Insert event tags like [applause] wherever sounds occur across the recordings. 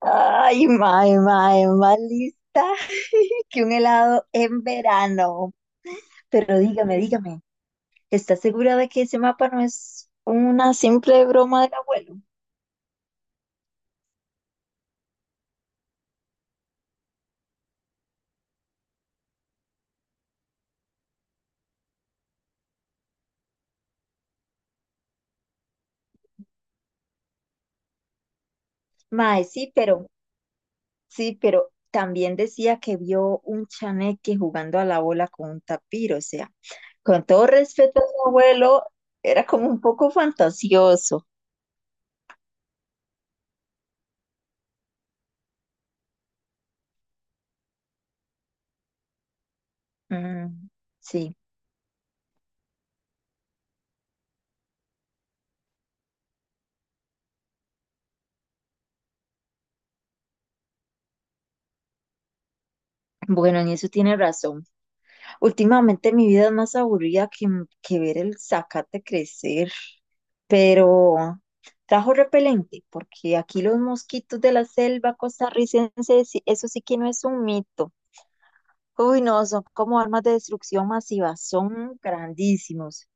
Ay, mae, más lista [laughs] que un helado en verano. Pero dígame, ¿estás segura de que ese mapa no es una simple broma del abuelo? Mae, sí, pero también decía que vio un chaneque jugando a la bola con un tapir, o sea, con todo respeto a su abuelo, era como un poco fantasioso. Mm, sí, bueno, en eso tiene razón. Últimamente mi vida es más aburrida que ver el zacate crecer, pero trajo repelente, porque aquí los mosquitos de la selva costarricense, eso sí que no es un mito. Uy, no, son como armas de destrucción masiva, son grandísimos.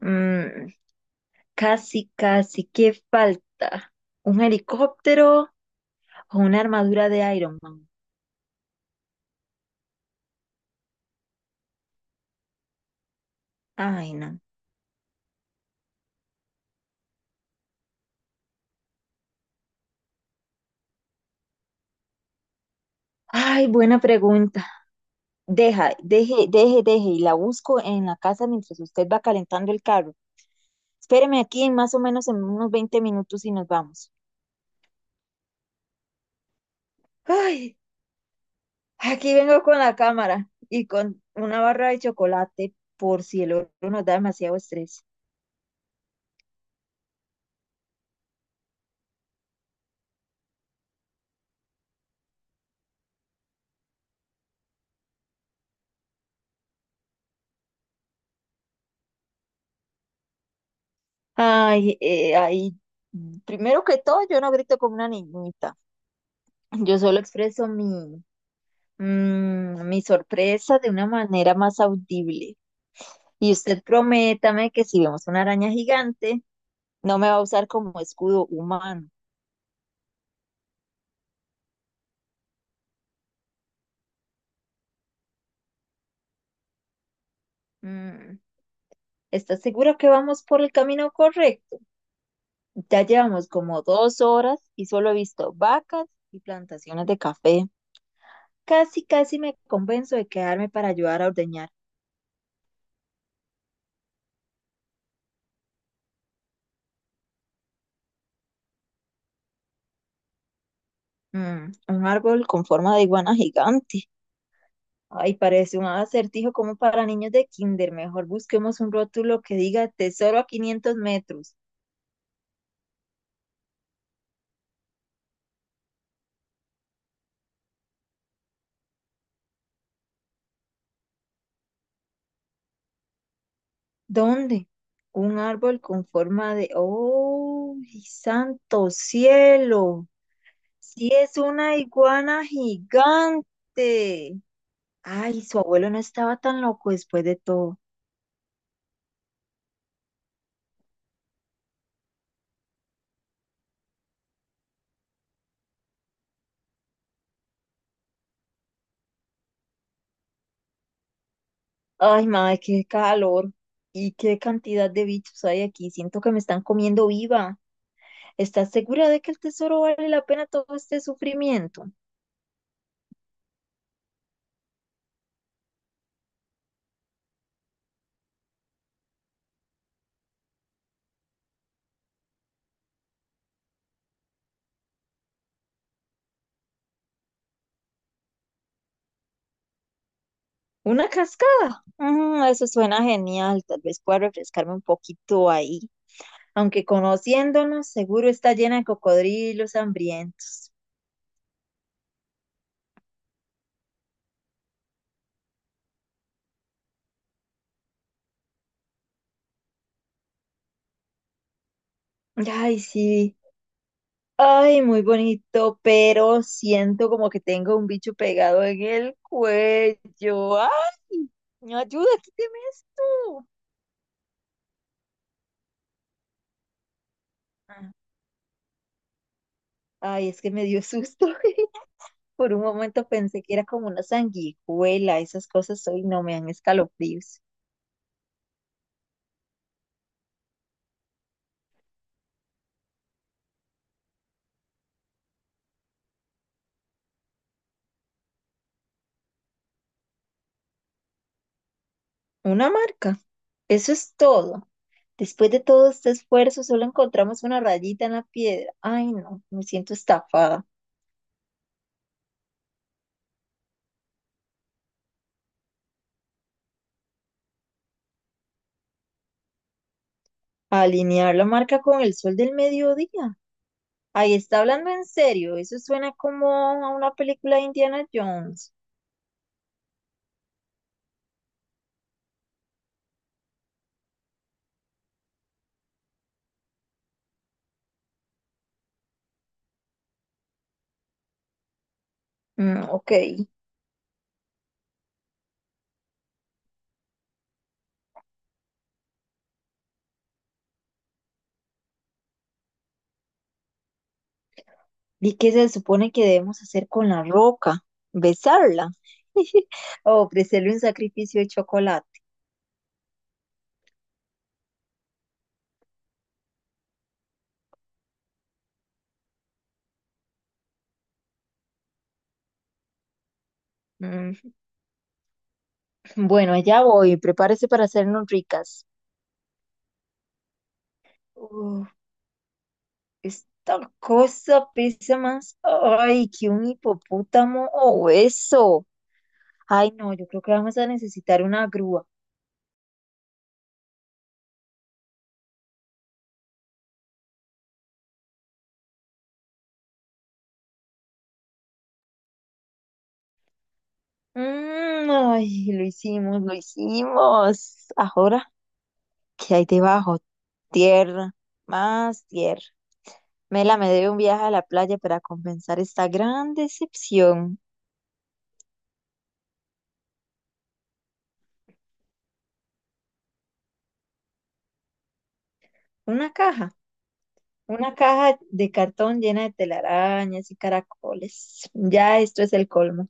Mm, casi, casi, ¿qué falta? ¿Un helicóptero o una armadura de Iron Man? Ay, no. Ay, buena pregunta. Deja, deje, y la busco en la casa mientras usted va calentando el carro. Espéreme aquí en más o menos en unos 20 minutos y nos vamos. Ay, aquí vengo con la cámara y con una barra de chocolate por si el otro nos da demasiado estrés. Ay, ay, primero que todo, yo no grito como una niñita. Yo solo expreso mi sorpresa de una manera más audible. Y usted prométame que si vemos una araña gigante, no me va a usar como escudo humano. Mm, ¿estás seguro que vamos por el camino correcto? Ya llevamos como 2 horas y solo he visto vacas y plantaciones de café. Casi, casi me convenzo de quedarme para ayudar a ordeñar. Mm, un árbol con forma de iguana gigante. Ay, parece un acertijo como para niños de kinder. Mejor busquemos un rótulo que diga tesoro a 500 metros. ¿Dónde? Un árbol con forma de... ¡Oh, santo cielo! Sí, es una iguana gigante. Ay, su abuelo no estaba tan loco después de todo. Ay, madre, qué calor. Y qué cantidad de bichos hay aquí. Siento que me están comiendo viva. ¿Estás segura de que el tesoro vale la pena todo este sufrimiento? ¿Una cascada? Mm, eso suena genial. Tal vez pueda refrescarme un poquito ahí, aunque conociéndonos, seguro está llena de cocodrilos hambrientos. Ay, sí. Ay, muy bonito, pero siento como que tengo un bicho pegado en el cuello. Ay, no, ayuda, quíteme esto. Ah, Ay, es que me dio susto. [laughs] Por un momento pensé que era como una sanguijuela. Esas cosas hoy no me dan escalofríos. Una marca. Eso es todo. Después de todo este esfuerzo, solo encontramos una rayita en la piedra. Ay, no, me siento estafada. Alinear la marca con el sol del mediodía. Ahí está hablando en serio. Eso suena como a una película de Indiana Jones. Mm, ok. ¿Y qué se supone que debemos hacer con la roca? ¿Besarla? [laughs] ¿O ofrecerle un sacrificio de chocolate? Mm, bueno, allá voy. Prepárese para hacernos ricas. Uf. Esta cosa pesa más, ay, que un hipopótamo o eso. Ay, no, yo creo que vamos a necesitar una grúa. Mm, ay, lo hicimos. Ahora, ¿qué hay debajo? Tierra, más tierra. Mela me debe un viaje a la playa para compensar esta gran decepción. Una caja, una caja de cartón llena de telarañas y caracoles. Ya esto es el colmo.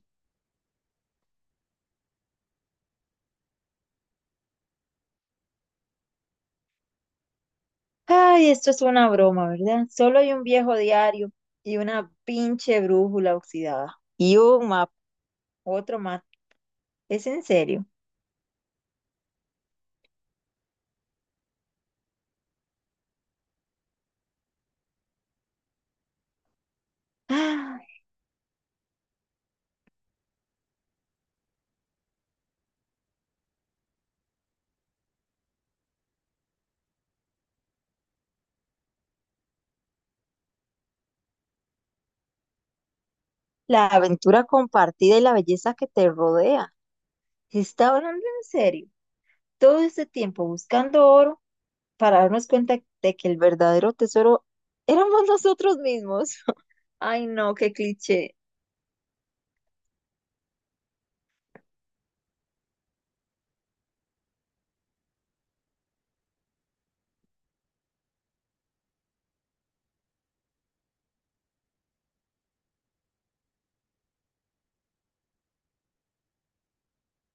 Ay, esto es una broma, ¿verdad? Solo hay un viejo diario y una pinche brújula oxidada. Y un mapa, otro más. ¿Es en serio? Ah, la aventura compartida y la belleza que te rodea. Está hablando en serio. Todo este tiempo buscando oro para darnos cuenta de que el verdadero tesoro éramos nosotros mismos. [laughs] Ay, no, qué cliché.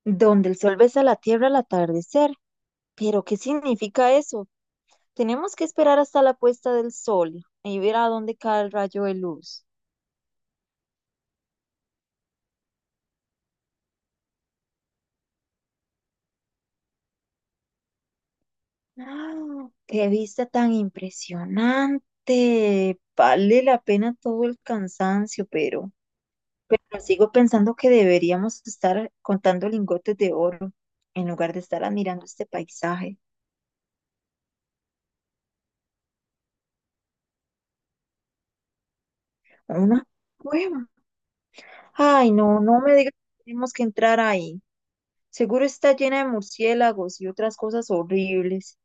Donde el sol besa la tierra al atardecer. Pero, ¿qué significa eso? Tenemos que esperar hasta la puesta del sol y ver a dónde cae el rayo de luz. [gasps] ¡Ah! ¡Qué vista tan impresionante! Vale la pena todo el cansancio, pero sigo pensando que deberíamos estar contando lingotes de oro en lugar de estar admirando este paisaje. Una cueva. Ay, no, no me digas que tenemos que entrar ahí. Seguro está llena de murciélagos y otras cosas horribles.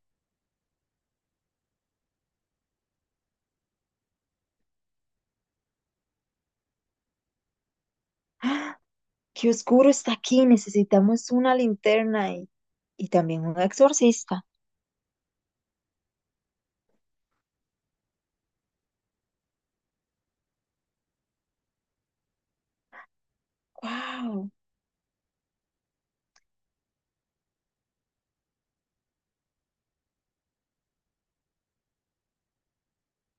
¡Ah! ¡Qué oscuro está aquí! Necesitamos una linterna y también un exorcista. ¡Wow!